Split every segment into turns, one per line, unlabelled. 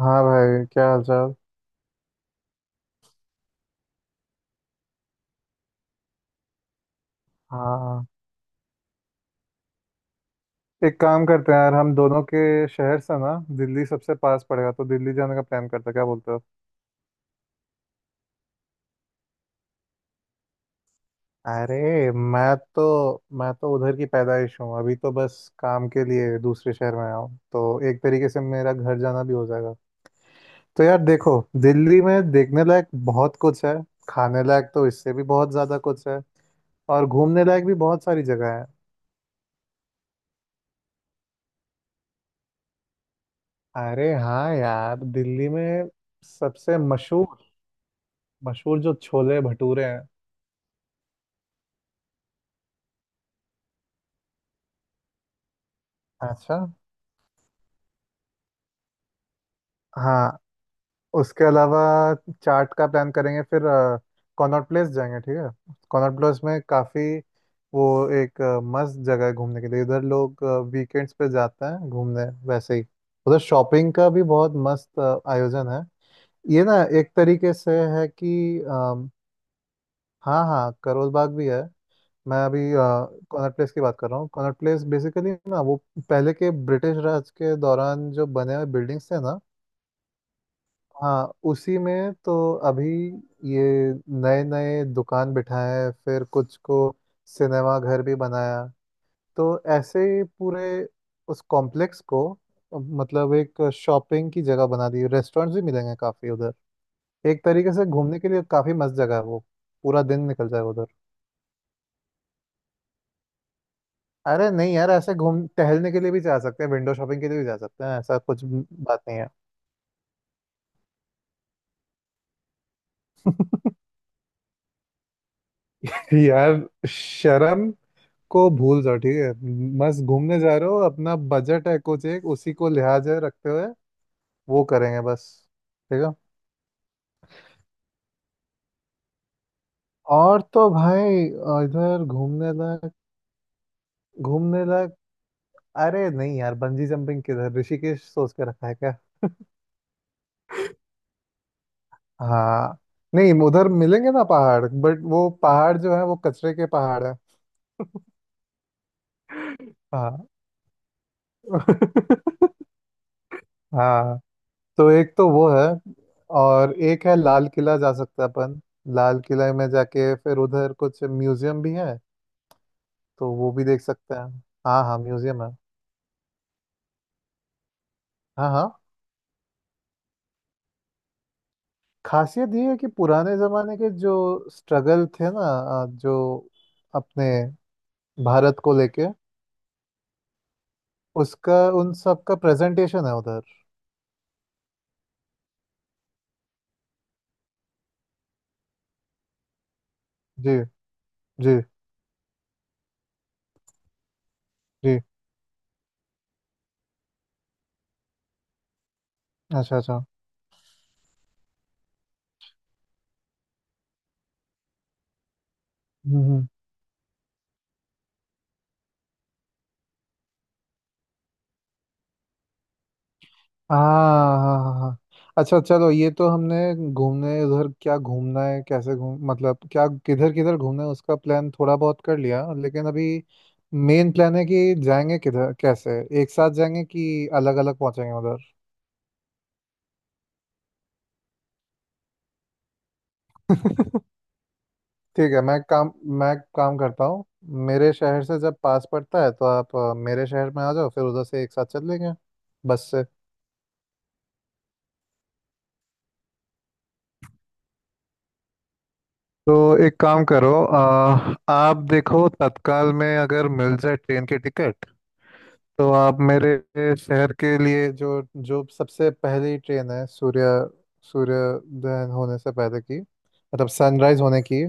हाँ भाई, क्या हालचाल। हाँ, एक काम करते हैं यार। हम दोनों के शहर से ना, दिल्ली सबसे पास पड़ेगा, तो दिल्ली जाने का प्लान करते हैं। क्या बोलते हो? अरे, मैं तो उधर की पैदाइश हूँ। अभी तो बस काम के लिए दूसरे शहर में आया हूँ, तो एक तरीके से मेरा घर जाना भी हो जाएगा। तो यार देखो, दिल्ली में देखने लायक बहुत कुछ है। खाने लायक तो इससे भी बहुत ज़्यादा कुछ है। और घूमने लायक भी बहुत सारी जगह है। अरे हाँ यार, दिल्ली में सबसे मशहूर मशहूर जो छोले भटूरे हैं। अच्छा। हाँ। उसके अलावा चाट का प्लान करेंगे फिर। कॉनॉट प्लेस जाएंगे। ठीक है, कॉनॉट प्लेस में काफ़ी वो एक मस्त जगह है घूमने के लिए। इधर लोग वीकेंड्स पे जाते हैं घूमने। वैसे ही उधर शॉपिंग का भी बहुत मस्त आयोजन है। ये ना एक तरीके से है कि अम, हाँ हाँ, करोल बाग भी है। मैं अभी कॉनॉट प्लेस की बात कर रहा हूँ। कॉनॉट प्लेस बेसिकली ना, वो पहले के ब्रिटिश राज के दौरान जो बने हुए बिल्डिंग्स थे ना। हाँ, उसी में तो अभी ये नए नए दुकान बिठाए, फिर कुछ को सिनेमा घर भी बनाया। तो ऐसे ही पूरे उस कॉम्प्लेक्स को मतलब एक शॉपिंग की जगह बना दी। रेस्टोरेंट्स भी मिलेंगे काफ़ी उधर। एक तरीके से घूमने के लिए काफ़ी मस्त जगह है वो। पूरा दिन निकल जाएगा उधर। अरे नहीं यार, ऐसे घूम टहलने के लिए भी जा सकते हैं, विंडो शॉपिंग के लिए भी जा सकते हैं, ऐसा कुछ बात नहीं है। यार, शर्म को भूल जाओ। ठीक है, बस घूमने जा रहे हो, अपना बजट है कुछ एक, उसी को लिहाज में रखते हुए वो करेंगे बस। ठीक है। और तो भाई, इधर घूमने लायक घूमने लायक अरे नहीं यार, बंजी जंपिंग किधर? ऋषिकेश सोच के रखा है क्या? हाँ, नहीं उधर मिलेंगे ना पहाड़, बट वो पहाड़ जो है वो कचरे के पहाड़ है। हाँ हाँ। तो एक तो वो है, और एक है लाल किला, जा सकते हैं अपन। लाल किला में जाके फिर उधर कुछ म्यूजियम भी है, तो वो भी देख सकते हैं। हाँ हाँ, म्यूजियम है। हाँ हाँ। खासियत ये है कि पुराने जमाने के जो स्ट्रगल थे ना, जो अपने भारत को लेके, उसका उन सब का प्रेजेंटेशन है उधर। जी जी जी। अच्छा अच्छा। हम्म, हम्म। हाँ हाँ हाँ हाँ। अच्छा चलो, ये तो हमने घूमने उधर क्या घूमना है, कैसे घूम, मतलब क्या किधर किधर घूमना है, उसका प्लान थोड़ा बहुत कर लिया। लेकिन अभी मेन प्लान है कि जाएंगे किधर, कैसे, एक साथ जाएंगे कि अलग अलग पहुंचेंगे उधर। ठीक है, मैं काम करता हूँ। मेरे शहर से जब पास पड़ता है, तो आप मेरे शहर में आ जाओ, फिर उधर से एक साथ चल लेंगे बस से। तो एक काम करो, आप देखो तत्काल में अगर मिल जाए ट्रेन की टिकट, तो आप मेरे शहर के लिए जो जो सबसे पहली ट्रेन है, सूर्योदय होने से पहले की, मतलब सनराइज होने की,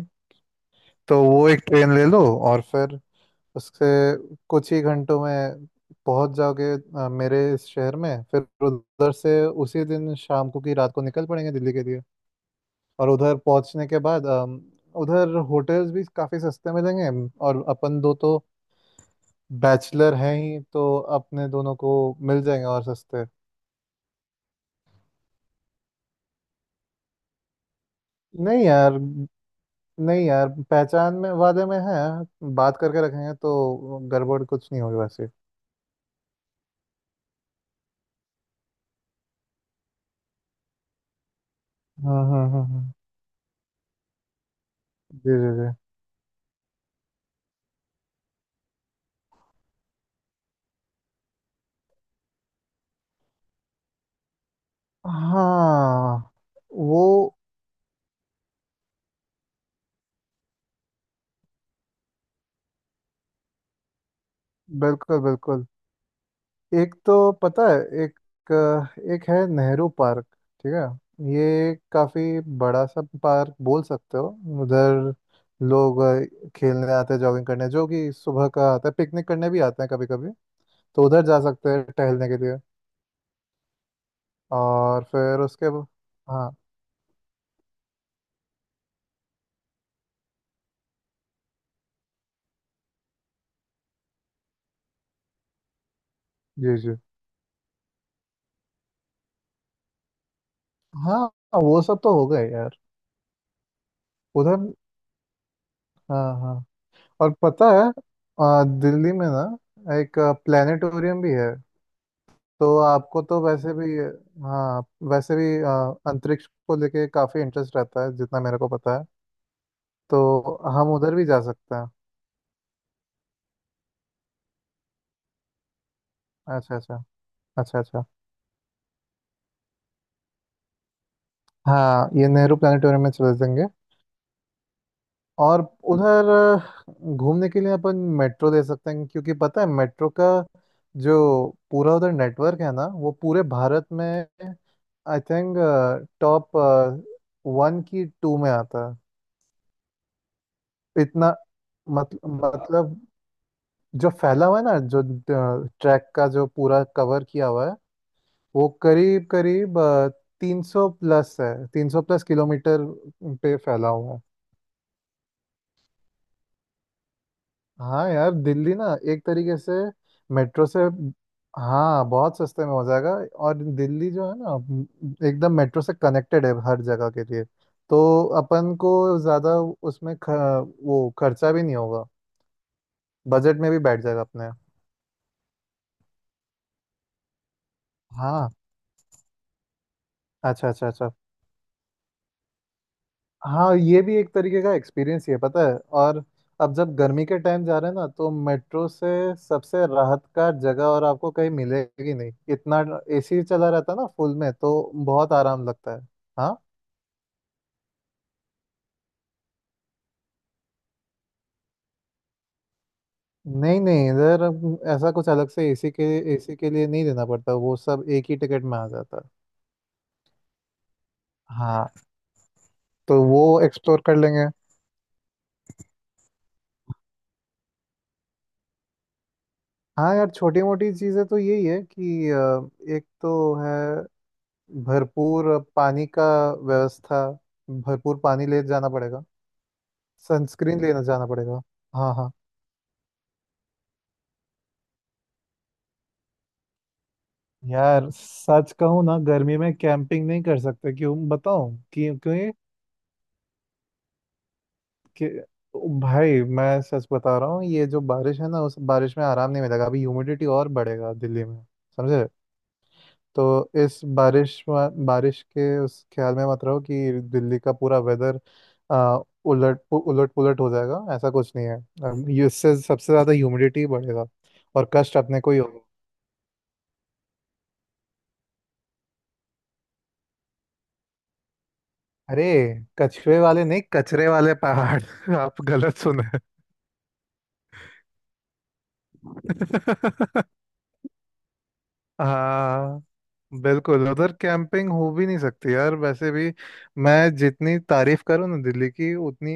तो वो एक ट्रेन ले लो। और फिर उससे कुछ ही घंटों में पहुंच जाओगे मेरे इस शहर में। फिर उधर से उसी दिन शाम को की रात को निकल पड़ेंगे दिल्ली के लिए। और उधर पहुंचने के बाद उधर होटल्स भी काफ़ी सस्ते मिलेंगे। और अपन दो तो बैचलर हैं ही, तो अपने दोनों को मिल जाएंगे और सस्ते। नहीं यार, नहीं यार, पहचान में वादे में है, बात करके रखेंगे तो गड़बड़ कुछ नहीं होगी वैसे। हाँ हाँ हाँ हाँ। जी जी जी। हाँ। वो बिल्कुल बिल्कुल। एक तो पता है, एक एक है नेहरू पार्क। ठीक है, ये काफी बड़ा सा पार्क बोल सकते हो। उधर लोग खेलने आते हैं, जॉगिंग करने, जो कि सुबह का आता है, पिकनिक करने भी आते हैं कभी कभी। तो उधर जा सकते हैं टहलने के लिए। और फिर उसके हाँ। जी जी। हाँ हाँ, वो सब तो हो गए यार उधर। हाँ हाँ। और पता है दिल्ली में ना एक प्लानिटोरियम भी है। तो आपको तो वैसे भी, हाँ वैसे भी अंतरिक्ष को लेके काफ़ी इंटरेस्ट रहता है जितना मेरे को पता है। तो हम उधर भी जा सकते हैं। अच्छा अच्छा अच्छा। अच्छा, हाँ, ये नेहरू प्लानिटोरियम में चले जाएंगे। और उधर घूमने के लिए अपन मेट्रो दे सकते हैं, क्योंकि पता है मेट्रो का जो पूरा उधर नेटवर्क है ना, वो पूरे भारत में आई थिंक टॉप वन की टू में आता है, इतना। मत, मतलब जो फैला हुआ है ना, जो ट्रैक का जो पूरा कवर किया हुआ है, वो करीब करीब 300+ है, 300+ किलोमीटर पे फैला हुआ है। हाँ यार, दिल्ली ना एक तरीके से मेट्रो से, हाँ बहुत सस्ते में हो जाएगा। और दिल्ली जो है ना, एकदम मेट्रो से कनेक्टेड है हर जगह के लिए। तो अपन को ज़्यादा उसमें वो खर्चा भी नहीं होगा। बजट में भी बैठ जाएगा अपने। हाँ। अच्छा अच्छा अच्छा। हाँ, ये भी एक तरीके का एक्सपीरियंस ही है, पता है। और अब जब गर्मी के टाइम जा रहे हैं ना, तो मेट्रो से सबसे राहत का जगह और आपको कहीं मिलेगी नहीं इतना। एसी चला रहता है ना फुल में, तो बहुत आराम लगता है। हाँ, नहीं नहीं, इधर ऐसा कुछ अलग से एसी के लिए नहीं देना पड़ता, वो सब एक ही टिकट में आ जाता है। हाँ, तो वो एक्सप्लोर कर लेंगे। हाँ यार, छोटी मोटी चीज़ें तो यही है कि एक तो है भरपूर पानी का व्यवस्था, भरपूर पानी ले जाना पड़ेगा, सनस्क्रीन लेना जाना पड़ेगा। हाँ हाँ। यार सच कहूँ ना, गर्मी में कैंपिंग नहीं कर सकते। क्यों बताऊँ? क्यों क्यों कि भाई मैं सच बता रहा हूँ, ये जो बारिश है ना, उस बारिश में आराम नहीं मिलेगा, अभी ह्यूमिडिटी और बढ़ेगा दिल्ली में। समझे? तो बारिश के उस ख्याल में मत रहो कि दिल्ली का पूरा वेदर उलट पुलट हो जाएगा, ऐसा कुछ नहीं है। इससे सबसे ज्यादा ह्यूमिडिटी बढ़ेगा, और कष्ट अपने को ही होगा। अरे, कछुए वाले नहीं, कचरे वाले पहाड़। आप गलत सुने। हाँ, बिल्कुल उधर कैंपिंग हो भी नहीं सकती यार वैसे भी। मैं जितनी तारीफ करूँ ना दिल्ली की, उतनी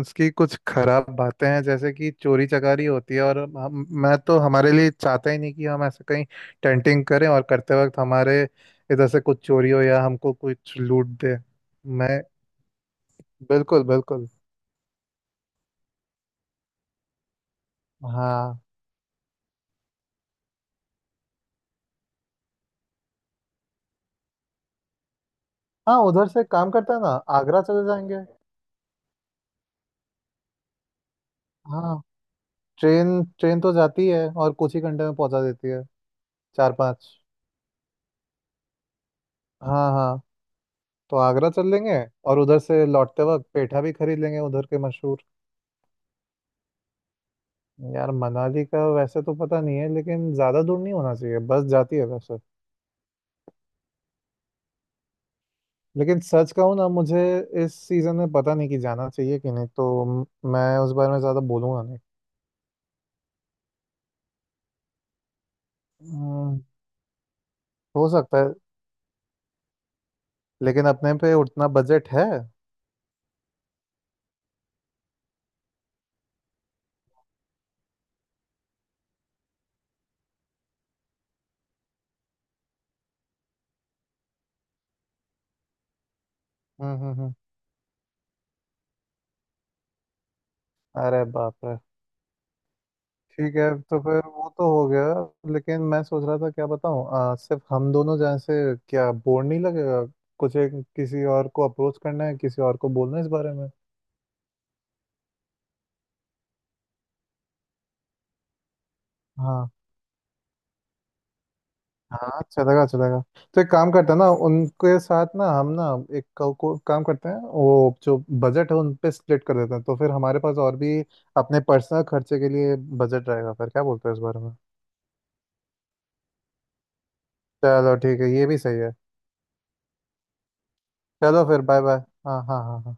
उसकी कुछ खराब बातें हैं, जैसे कि चोरी चकारी होती है। और हम मैं तो हमारे लिए चाहता ही नहीं कि हम ऐसे कहीं टेंटिंग करें, और करते वक्त हमारे इधर से कुछ चोरी हो या हमको कुछ लूट दे। मैं बिल्कुल बिल्कुल। हाँ हाँ, उधर से काम करता है ना, आगरा चले जाएंगे। हाँ। ट्रेन ट्रेन तो जाती है और कुछ ही घंटे में पहुंचा देती है। चार पाँच। हाँ हाँ। तो आगरा चल लेंगे, और उधर से लौटते वक्त पेठा भी खरीद लेंगे, उधर के मशहूर। यार मनाली का वैसे तो पता नहीं है, लेकिन ज़्यादा दूर नहीं होना चाहिए, बस जाती है वैसे। लेकिन सच कहूँ ना, मुझे इस सीज़न में पता नहीं कि जाना चाहिए कि नहीं। तो मैं उस बारे में ज़्यादा बोलूँगा नहीं। हम्म, हो सकता है, लेकिन अपने पे उतना बजट है। हम्म हम्म हम्म। अरे बाप रे। ठीक है, तो फिर वो तो हो गया। लेकिन मैं सोच रहा था, क्या बताऊँ, सिर्फ हम दोनों जाएं से क्या बोर नहीं लगेगा? कुछ एक किसी और को अप्रोच करना है, किसी और को बोलना है इस बारे में। हाँ हाँ, चलेगा चलेगा। तो एक काम करते हैं ना, उनके साथ ना हम ना एक काम करते हैं, वो जो बजट है उन पे स्प्लिट कर देते हैं, तो फिर हमारे पास और भी अपने पर्सनल खर्चे के लिए बजट रहेगा। फिर क्या बोलते हैं इस बारे में? चलो ठीक है, ये भी सही है। चलो फिर बाय बाय। हाँ हाँ हाँ हाँ।